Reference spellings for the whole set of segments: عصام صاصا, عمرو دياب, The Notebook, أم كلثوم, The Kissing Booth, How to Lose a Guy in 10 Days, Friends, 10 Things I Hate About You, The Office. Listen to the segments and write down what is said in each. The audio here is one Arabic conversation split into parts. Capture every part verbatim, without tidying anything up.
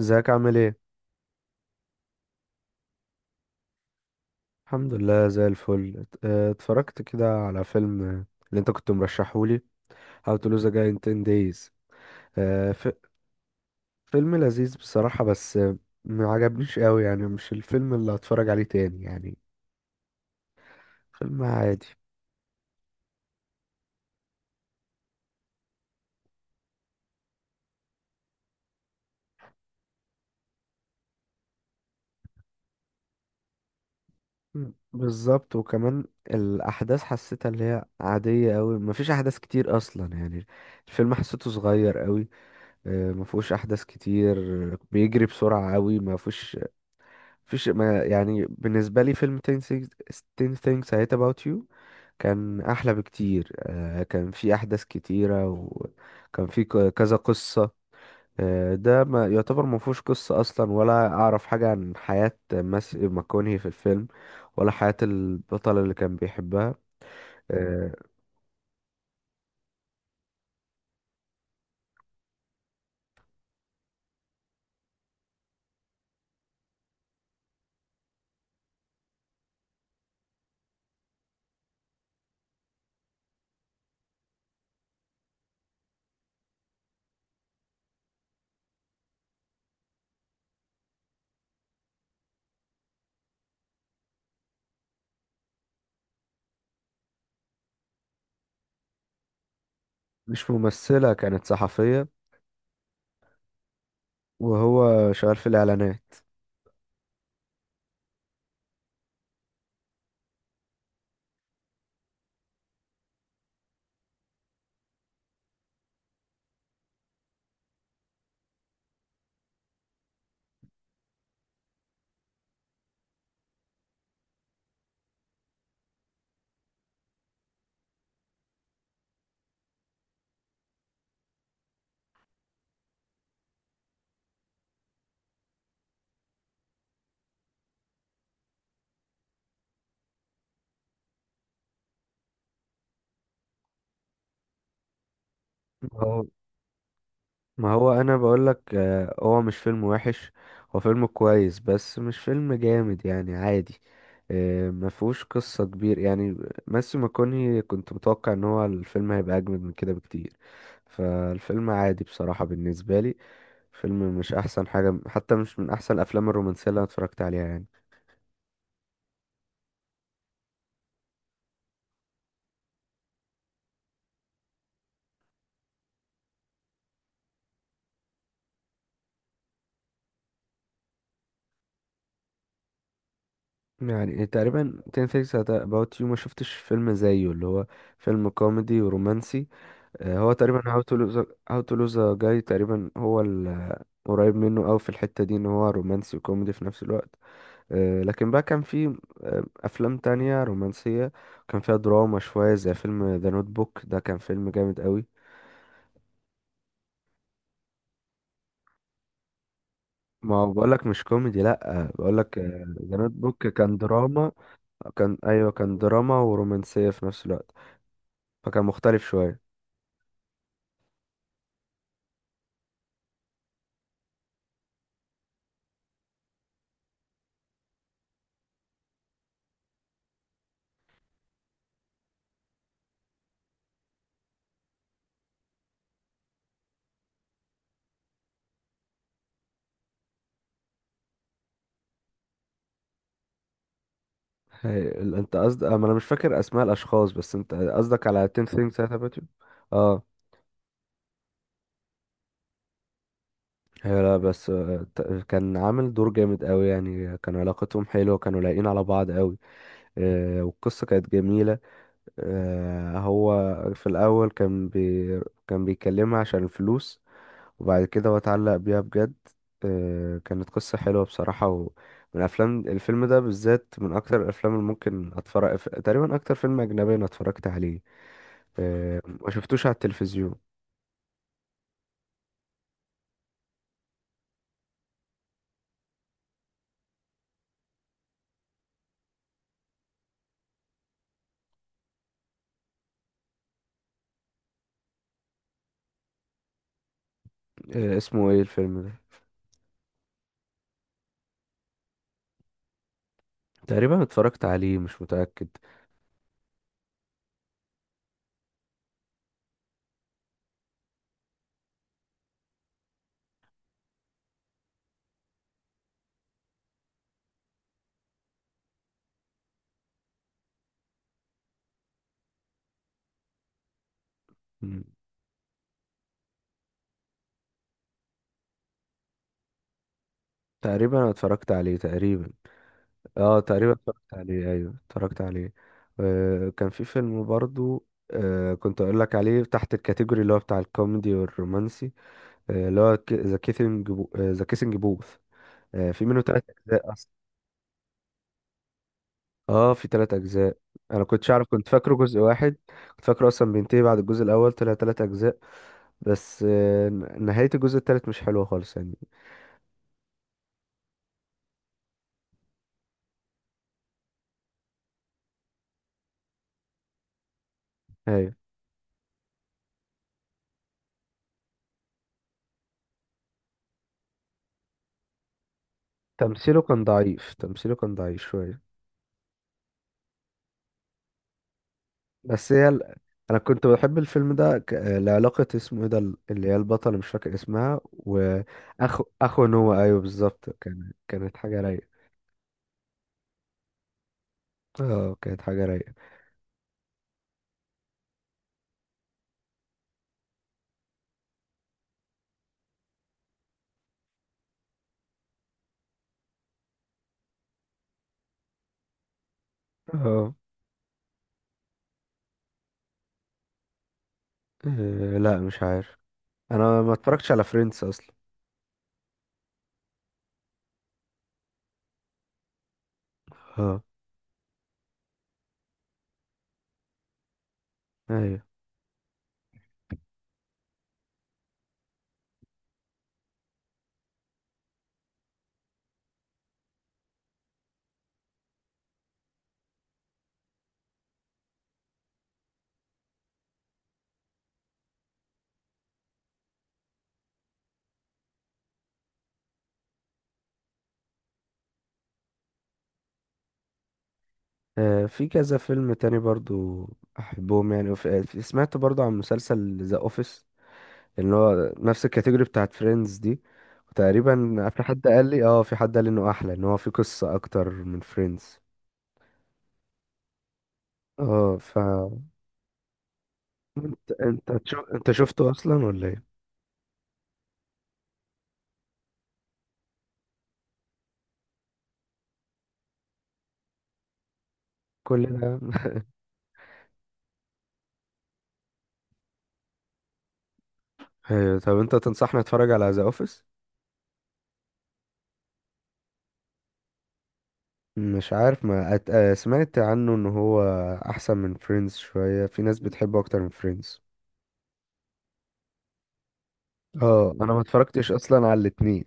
ازيك عامل ايه؟ الحمد لله، زي الفل. ات- اه، اتفرجت كده على فيلم، اه، اللي انت كنت مرشحهولي How to Lose a Guy in ten Days. اه، ف- فيلم لذيذ بصراحة، بس اه، ما عجبنيش قوي، يعني مش الفيلم اللي هتفرج عليه تاني يعني. فيلم عادي. مم. بالظبط. وكمان الأحداث حسيتها اللي هي عادية قوي، مفيش أحداث كتير أصلا يعني. الفيلم حسيته صغير قوي، مفهوش أحداث كتير، بيجري بسرعة قوي، مفهوش، فيش ما يعني. بالنسبة لي فيلم ten things, ten things I hate about you كان أحلى بكتير. آه، كان في أحداث كتيرة، وكان في ك- كذا قصة. آه، ده ما يعتبر، ما فيهوش قصة أصلا، ولا أعرف حاجة عن حياة ماس ماكونهي في الفيلم، ولا حياة البطلة اللي كان بيحبها. آه، مش ممثلة، كانت صحفية. وهو شغال في الإعلانات. هو ما هو انا بقول لك، آه، هو مش فيلم وحش. هو فيلم كويس، بس مش فيلم جامد، يعني عادي. آه، ما فيهوش قصة كبير يعني. ماسيو ماكوني، كنت متوقع ان هو الفيلم هيبقى اجمد من كده بكتير. فالفيلم عادي بصراحة بالنسبة لي. فيلم مش احسن حاجة، حتى مش من احسن الافلام الرومانسية اللي انا اتفرجت عليها يعني. يعني تقريبا ten things about you، ما شفتش فيلم زيه، اللي هو فيلم كوميدي ورومانسي. آه، هو تقريبا هاو تو لوز هاو تو لوز جاي تقريبا. هو ال- قريب منه، او في الحتة دي ان هو رومانسي وكوميدي في نفس الوقت. آه، لكن بقى كان في آه، افلام تانية رومانسية كان فيها دراما شوية، زي فيلم ذا نوت بوك، ده كان فيلم جامد قوي. ما هو بقولك مش كوميدي، لا، بقولك ذا نوت بوك كان دراما. كان ايوه، كان دراما ورومانسية في نفس الوقت، فكان مختلف شوية. هي- انت قصدك، انا مش فاكر اسماء الاشخاص، بس انت قصدك على ten things that happened to you؟ آه. هي لا، بس آه، ت- كان عامل دور جامد قوي يعني، كان علاقتهم حلوة، كانوا لايقين على بعض قوي. آه، والقصة كانت جميلة. آه، هو في الأول كان بي كان بيكلمها عشان الفلوس، وبعد كده هو اتعلق بيها بجد. آه، كانت قصة حلوة بصراحة. ومن أفلام الفيلم ده بالذات من أكتر الأفلام اللي ممكن أتفرج، تقريبا أكتر فيلم أجنبي أنا اتفرجت عليه. آه، ما شفتوش على التلفزيون. آه، اسمه إيه الفيلم ده؟ تقريبا اتفرجت عليه، مش متأكد. تقريبا انا اتفرجت عليه تقريبا. اه، تقريبا اتفرجت عليه. ايوه، اتفرجت عليه. آه كان في فيلم برضو، آه كنت اقول لك عليه تحت الكاتيجوري اللي هو بتاع الكوميدي والرومانسي. آه اللي هو ذا كيسنج ذا كيسنج بوث. آه في منه تلات اجزاء اصلا. اه في تلات اجزاء، انا كنتش اعرف، كنت فاكره جزء واحد. كنت فاكره اصلا بينتهي بعد الجزء الاول، طلع تلات اجزاء. بس آه نهاية الجزء التالت مش حلوة خالص يعني. ايوه، تمثيله كان ضعيف تمثيله كان ضعيف شوية. بس هي ال... انا كنت بحب الفيلم ده ك... لعلاقة، اسمه ايه ده ال- اللي هي البطلة، مش فاكر اسمها، واخو اخو نوع ايوه بالظبط، كان كانت حاجة رايقة. اه، كانت حاجة رايقة. اه آه، لا، مش عارف، انا ما اتفرجتش على فريندز اصلا. اه. ايوه. آه، في كذا فيلم تاني برضو، احبهم يعني. وف... آه، سمعت برضو عن مسلسل ذا اوفيس، اللي هو نفس الكاتيجوري بتاعت فريندز دي. وتقريبا في حد قال لي اه في حد قال لي انه احلى، ان هو في قصة اكتر من فريندز. اه ف انت انت تشو... انت شفته اصلا ولا ايه؟ كل ده. ايوه. طب انت تنصحني اتفرج على ذا اوفيس؟ مش عارف، ما أت... آه، سمعت عنه ان هو احسن من فريندز شوية، في ناس بتحبه اكتر من فريندز. اه، انا ما اتفرجتش اصلا على الاتنين.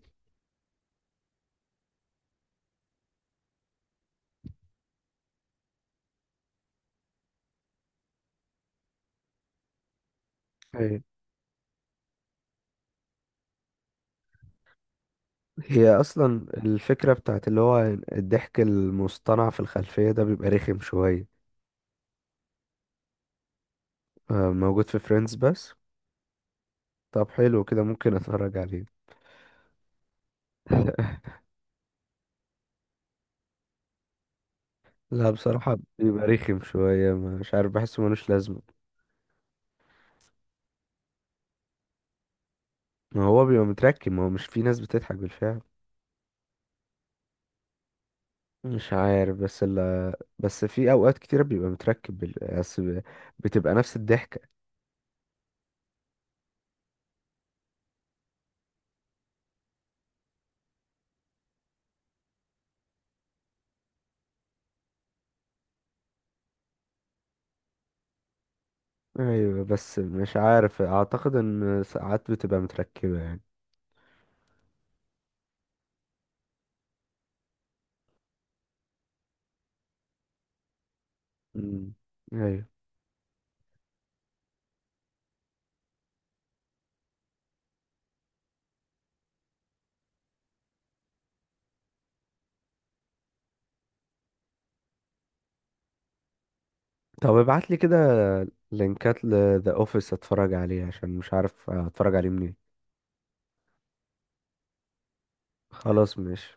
ايوه. هي اصلا الفكرة بتاعت اللي هو الضحك المصطنع في الخلفية ده، بيبقى رخم شوية. آه، موجود في فريندز بس. طب حلو كده، ممكن اتفرج عليه. لا، بصراحة بيبقى رخم شوية، مش عارف، بحسه ملوش لازمة. ما هو بيبقى متركب، ما هو مش في ناس بتضحك بالفعل. مش عارف، بس ال بس في أوقات كتيرة بيبقى متركب، بال... بس ب- بتبقى نفس الضحكة. أيوة، بس مش عارف، أعتقد إن ساعات بتبقى متركبة يعني. مم. أيوة. طب ابعتلي كده لينكات لذا أوفيس أتفرج عليه، عشان مش عارف أتفرج عليه منين. خلاص، ماشي.